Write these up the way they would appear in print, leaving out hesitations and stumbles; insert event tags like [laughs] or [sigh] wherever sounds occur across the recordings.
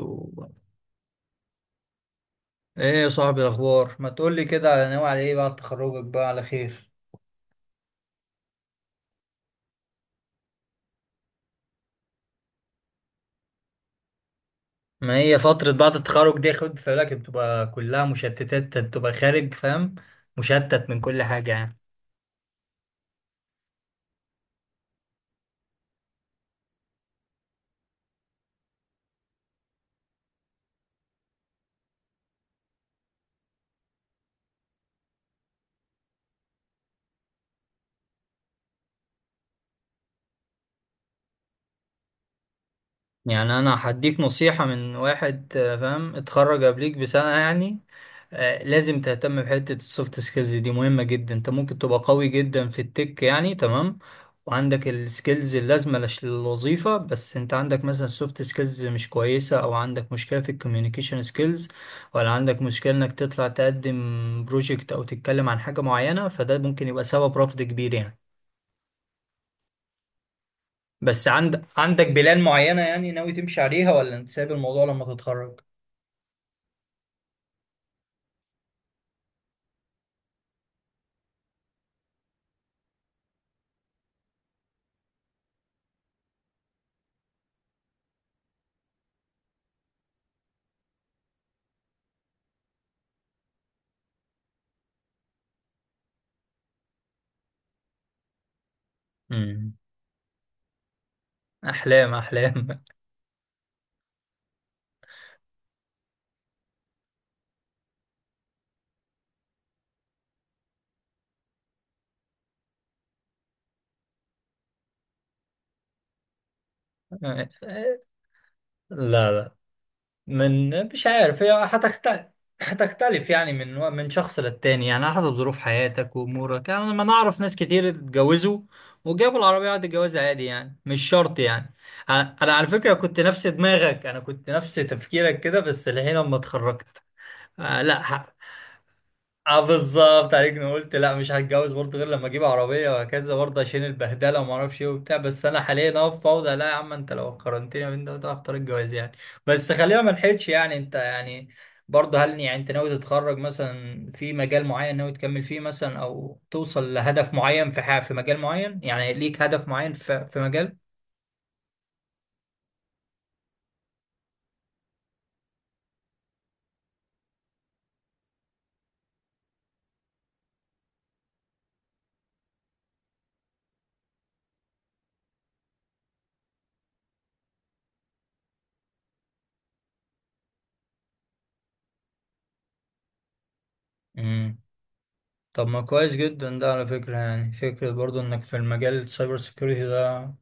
و- ايه يا صاحبي الاخبار ما تقولي كده على ناوي على ايه بعد تخرجك بقى على خير. ما هي فترة بعد التخرج دي خد في بالك بتبقى كلها مشتتات، بتبقى خارج فاهم، مشتت من كل حاجة يعني. يعني انا هديك نصيحة من واحد فاهم اتخرج قبليك بسنة يعني. لازم تهتم بحتة السوفت سكيلز دي، مهمة جدا. انت ممكن تبقى قوي جدا في التك يعني، تمام، وعندك السكيلز اللازمة للوظيفة، بس انت عندك مثلا سوفت سكيلز مش كويسة او عندك مشكلة في الكوميونيكيشن سكيلز، ولا عندك مشكلة انك تطلع تقدم بروجكت او تتكلم عن حاجة معينة، فده ممكن يبقى سبب رفض كبير يعني. بس عندك بلان معينة يعني ناوي تمشي عليها، ولا انت سايب الموضوع لما تتخرج؟ مم. احلام احلام. [laughs] لا لا. من مش عارف هي هتختلف. هتختلف يعني من شخص للتاني، يعني على حسب ظروف حياتك وامورك يعني. لما نعرف ناس كتير اتجوزوا وجابوا العربية بعد الجواز عادي يعني، مش شرط يعني. انا على فكرة كنت نفس دماغك، انا كنت نفس تفكيرك كده، بس الحين لما اتخرجت آه لا. اه بالظبط عليك، انا قلت لا مش هتجوز برضه غير لما اجيب عربيه وهكذا برضه عشان البهدله وما اعرفش ايه وبتاع، بس انا حاليا اهو في فوضى، لا يا عم انت لو قارنتني بين ده وده هختار الجواز يعني. بس خلينا ما نحيدش يعني، انت يعني برضه، هل يعني انت ناوي تتخرج مثلا في مجال معين ناوي تكمل فيه مثلا، او توصل لهدف معين في حاجه في مجال معين؟ يعني ليك هدف معين في مجال؟ امم. طب ما كويس جدا ده على فكره يعني، فكره برضه انك في المجال السايبر سيكيورتي ده.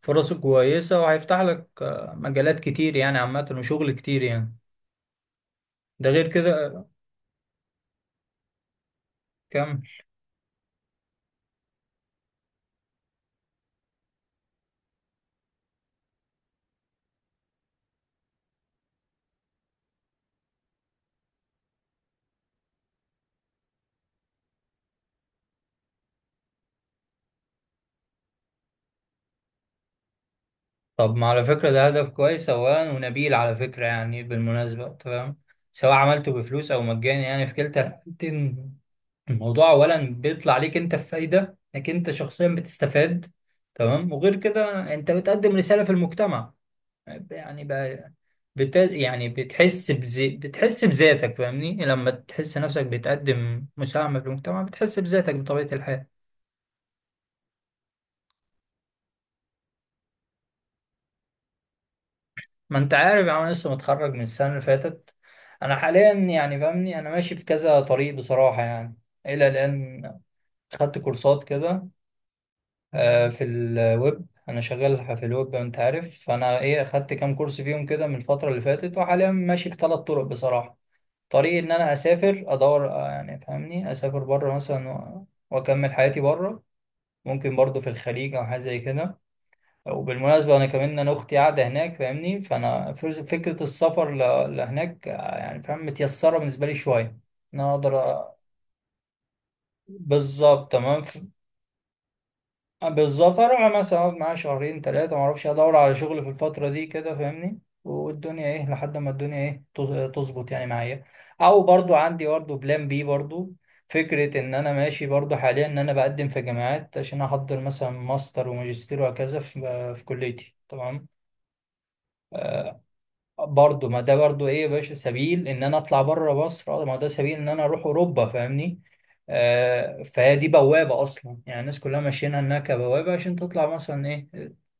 فرصه كويسة وهيفتح لك مجالات كتير يعني عامة، وشغل كتير يعني. ده غير كده. كم. طب ما على فكرة ده هدف كويس أولا ونبيل على فكرة يعني، بالمناسبة أنت فاهم، سواء عملته بفلوس أو مجاني يعني، في كلتا الحالتين الموضوع أولا بيطلع عليك أنت، في فايدة إنك أنت شخصيا بتستفاد. تمام. وغير كده أنت بتقدم رسالة في المجتمع يعني بقى. يعني بتحس بذاتك فاهمني، لما تحس نفسك بتقدم مساهمة في المجتمع بتحس بذاتك بطبيعة الحال. ما انت عارف يعني، انا لسه متخرج من السنة اللي فاتت. انا حاليا يعني فاهمني انا ماشي في كذا طريق بصراحة يعني. الى الان خدت كورسات كده في الويب، انا شغال في الويب انت عارف، فانا ايه خدت كام كورس فيهم كده من الفترة اللي فاتت، وحاليا ماشي في ثلاث طرق بصراحة. طريقي ان انا اسافر، ادور يعني فاهمني اسافر بره مثلا واكمل حياتي بره. ممكن برضه في الخليج او حاجه زي كده. وبالمناسبه انا كمان انا اختي قاعده هناك فاهمني، فانا فكره السفر لهناك يعني فاهم متيسره بالنسبه لي شويه ان انا اقدر بالظبط تمام. بالظبط اروح مثلا اقعد معاه شهرين ثلاثه، ما اعرفش ادور على شغل في الفتره دي كده فاهمني، والدنيا ايه لحد ما الدنيا ايه تظبط يعني معايا. او برضو عندي برضو بلان بي برضو، فكره ان انا ماشي برضو حاليا ان انا بقدم في جامعات عشان احضر مثلا ماستر وماجستير وهكذا في في كليتي تمام. برضه ما ده برضه ايه يا باشا سبيل ان انا اطلع بره مصر، ما ده سبيل ان انا اروح اوروبا فاهمني. آه، فهي دي بوابه اصلا يعني، الناس كلها ماشيينها انها كبوابه عشان تطلع مثلا ايه،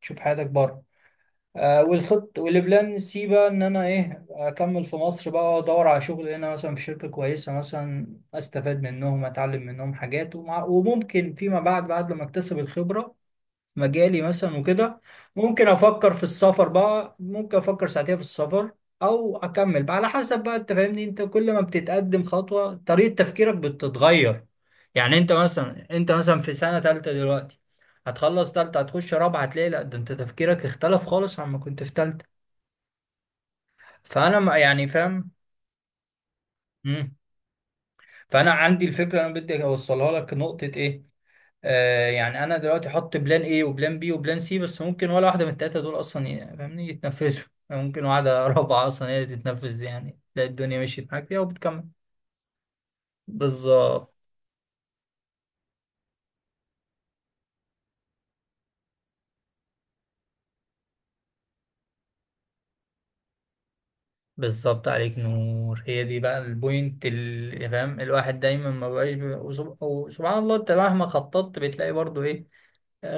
تشوف حياتك بره. والخط والبلان سي بقى ان انا ايه اكمل في مصر بقى، ادور على شغل هنا مثلا في شركه كويسه مثلا، استفاد منهم اتعلم منهم حاجات، ومع وممكن فيما بعد بعد لما اكتسب الخبره مجالي مثلا وكده ممكن افكر في السفر بقى، ممكن افكر ساعتها في السفر او اكمل بقى على حسب بقى. انت فاهمني انت كل ما بتتقدم خطوة طريقة تفكيرك بتتغير. يعني انت مثلا انت مثلا في سنة تالتة دلوقتي، هتخلص تالتة هتخش رابعة هتلاقي لا ده انت تفكيرك اختلف خالص عما كنت في تالتة. فانا يعني فاهم. مم. فانا عندي الفكرة انا بدي اوصلها لك نقطة ايه. آه، يعني انا دلوقتي احط بلان ايه وبلان بي وبلان سي، بس ممكن ولا واحده من التلاته دول اصلا فاهمني يتنفذوا. ممكن واحده [laughs] رابعه اصلا هي اللي تتنفذ، يعني تلاقي الدنيا مشيت معاك فيها وبتكمل. بالظبط. بالظبط عليك نور، هي دي بقى البوينت اللي فاهم الواحد دايما ما بقاش وسبحان الله انت مهما خططت بتلاقي برضو ايه،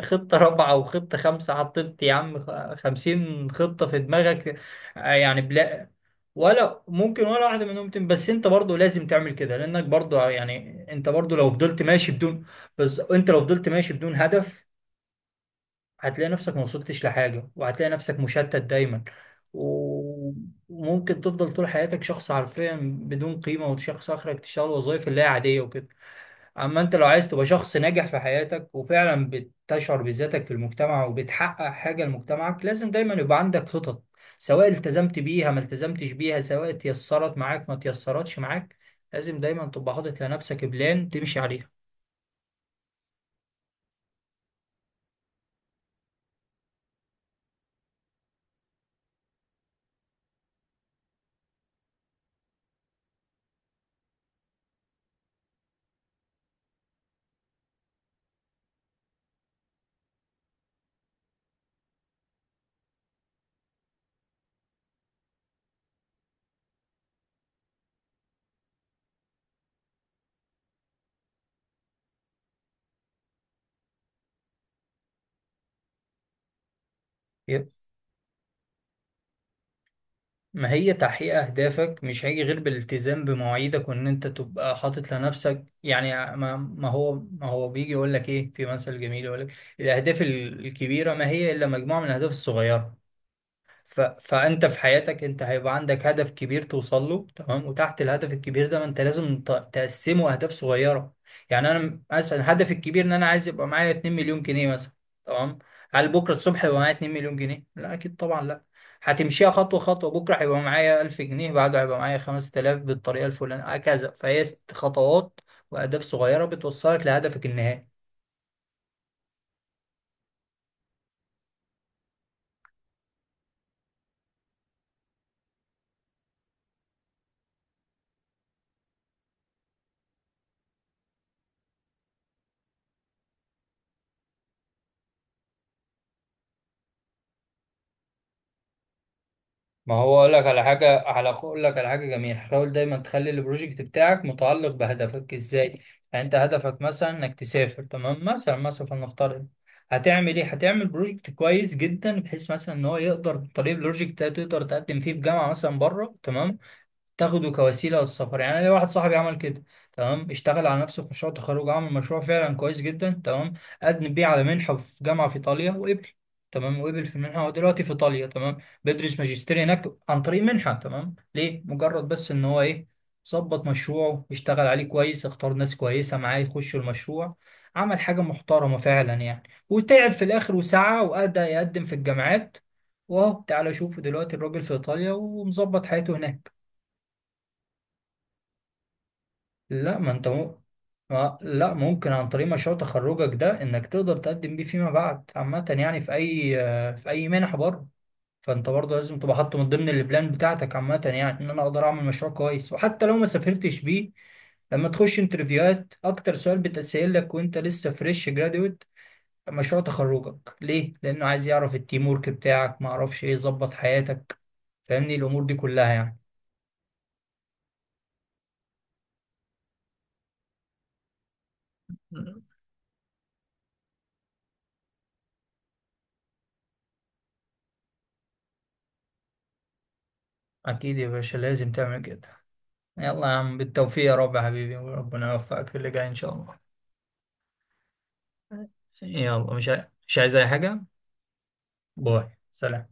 خطة رابعة وخطة خمسة، حطيت يا عم خمسين خطة في دماغك. يعني بلا ولا ممكن ولا واحدة منهم تم، بس انت برضو لازم تعمل كده، لانك برضو يعني انت برضو لو فضلت ماشي بدون، بس انت لو فضلت ماشي بدون هدف هتلاقي نفسك ما وصلتش لحاجة وهتلاقي نفسك مشتت دايما. و- وممكن تفضل طول حياتك شخص حرفيا بدون قيمة، وشخص اخرك تشتغل وظائف اللي هي عادية وكده. اما انت لو عايز تبقى شخص ناجح في حياتك وفعلا بتشعر بذاتك في المجتمع وبتحقق حاجة لمجتمعك، لازم دايما يبقى عندك خطط، سواء التزمت بيها ما التزمتش بيها، سواء تيسرت معاك ما تيسرتش معاك، لازم دايما تبقى حاطط لنفسك بلان تمشي عليها. يب. ما هي تحقيق أهدافك مش هيجي غير بالالتزام بمواعيدك وإن أنت تبقى حاطط لنفسك يعني، ما هو بيجي يقول لك إيه، في مثل جميل يقول لك، الأهداف الكبيرة ما هي إلا مجموعة من الأهداف الصغيرة. فانت في حياتك انت هيبقى عندك هدف كبير توصل له تمام، وتحت الهدف الكبير ده ما انت لازم تقسمه اهداف صغيره. يعني انا مثلا هدفي الكبير ان انا عايز يبقى معايا 2 مليون جنيه مثلا، تمام. هل بكره الصبح يبقى معايا 2 مليون جنيه؟ لا اكيد طبعا لا. هتمشيها خطوه خطوه، بكره هيبقى معايا 1000 جنيه، بعده هيبقى معايا 5,000 بالطريقه الفلانيه هكذا، فهي ست خطوات واهداف صغيره بتوصلك لهدفك النهائي. ما هو اقول لك على حاجه، على اقول لك على حاجه جميله، حاول دايما تخلي البروجكت بتاعك متعلق بهدفك ازاي. يعني انت هدفك مثلا انك تسافر تمام، مثلا مثلا فلنفترض، هتعمل ايه؟ هتعمل بروجكت كويس جدا بحيث مثلا ان هو يقدر طريق البروجكت ده تقدر تقدم فيه في جامعه مثلا بره تمام، تاخده كوسيله للسفر. يعني أنا ليا واحد صاحبي عمل كده، تمام، اشتغل على نفسه في مشروع تخرج، عمل مشروع فعلا كويس جدا تمام، قدم بيه على منحه في جامعه في ايطاليا، وقبل تمام، وقبل في المنحه، هو دلوقتي في ايطاليا تمام، بيدرس ماجستير هناك عن طريق منحه تمام، ليه؟ مجرد بس ان هو ايه ظبط مشروعه، اشتغل عليه كويس، اختار ناس كويسه معاه يخشوا المشروع، عمل حاجه محترمه فعلا يعني، وتعب في الاخر وسعى وادى يقدم في الجامعات، واهو تعالى شوفوا دلوقتي الراجل في ايطاليا ومظبط حياته هناك. لا ما انت مو... ما... لا ممكن عن طريق مشروع تخرجك ده انك تقدر تقدم بيه فيما بعد عامة يعني في اي في اي منح بره. فانت برضه لازم تبقى حاطه من ضمن البلان بتاعتك عامة يعني ان انا اقدر اعمل مشروع كويس، وحتى لو ما سافرتش بيه، لما تخش انترفيوهات اكتر سؤال بتسأل لك وانت لسه فريش جرادويت، مشروع تخرجك ليه، لانه عايز يعرف التيم ورك بتاعك ما اعرفش ايه، يظبط حياتك فاهمني، الامور دي كلها يعني. اكيد يا باشا لازم تعمل كده. يلا يا عم بالتوفيق يا رب يا حبيبي، وربنا يوفقك في اللي جاي ان شاء الله. يلا مش عايز اي حاجة. باي سلام.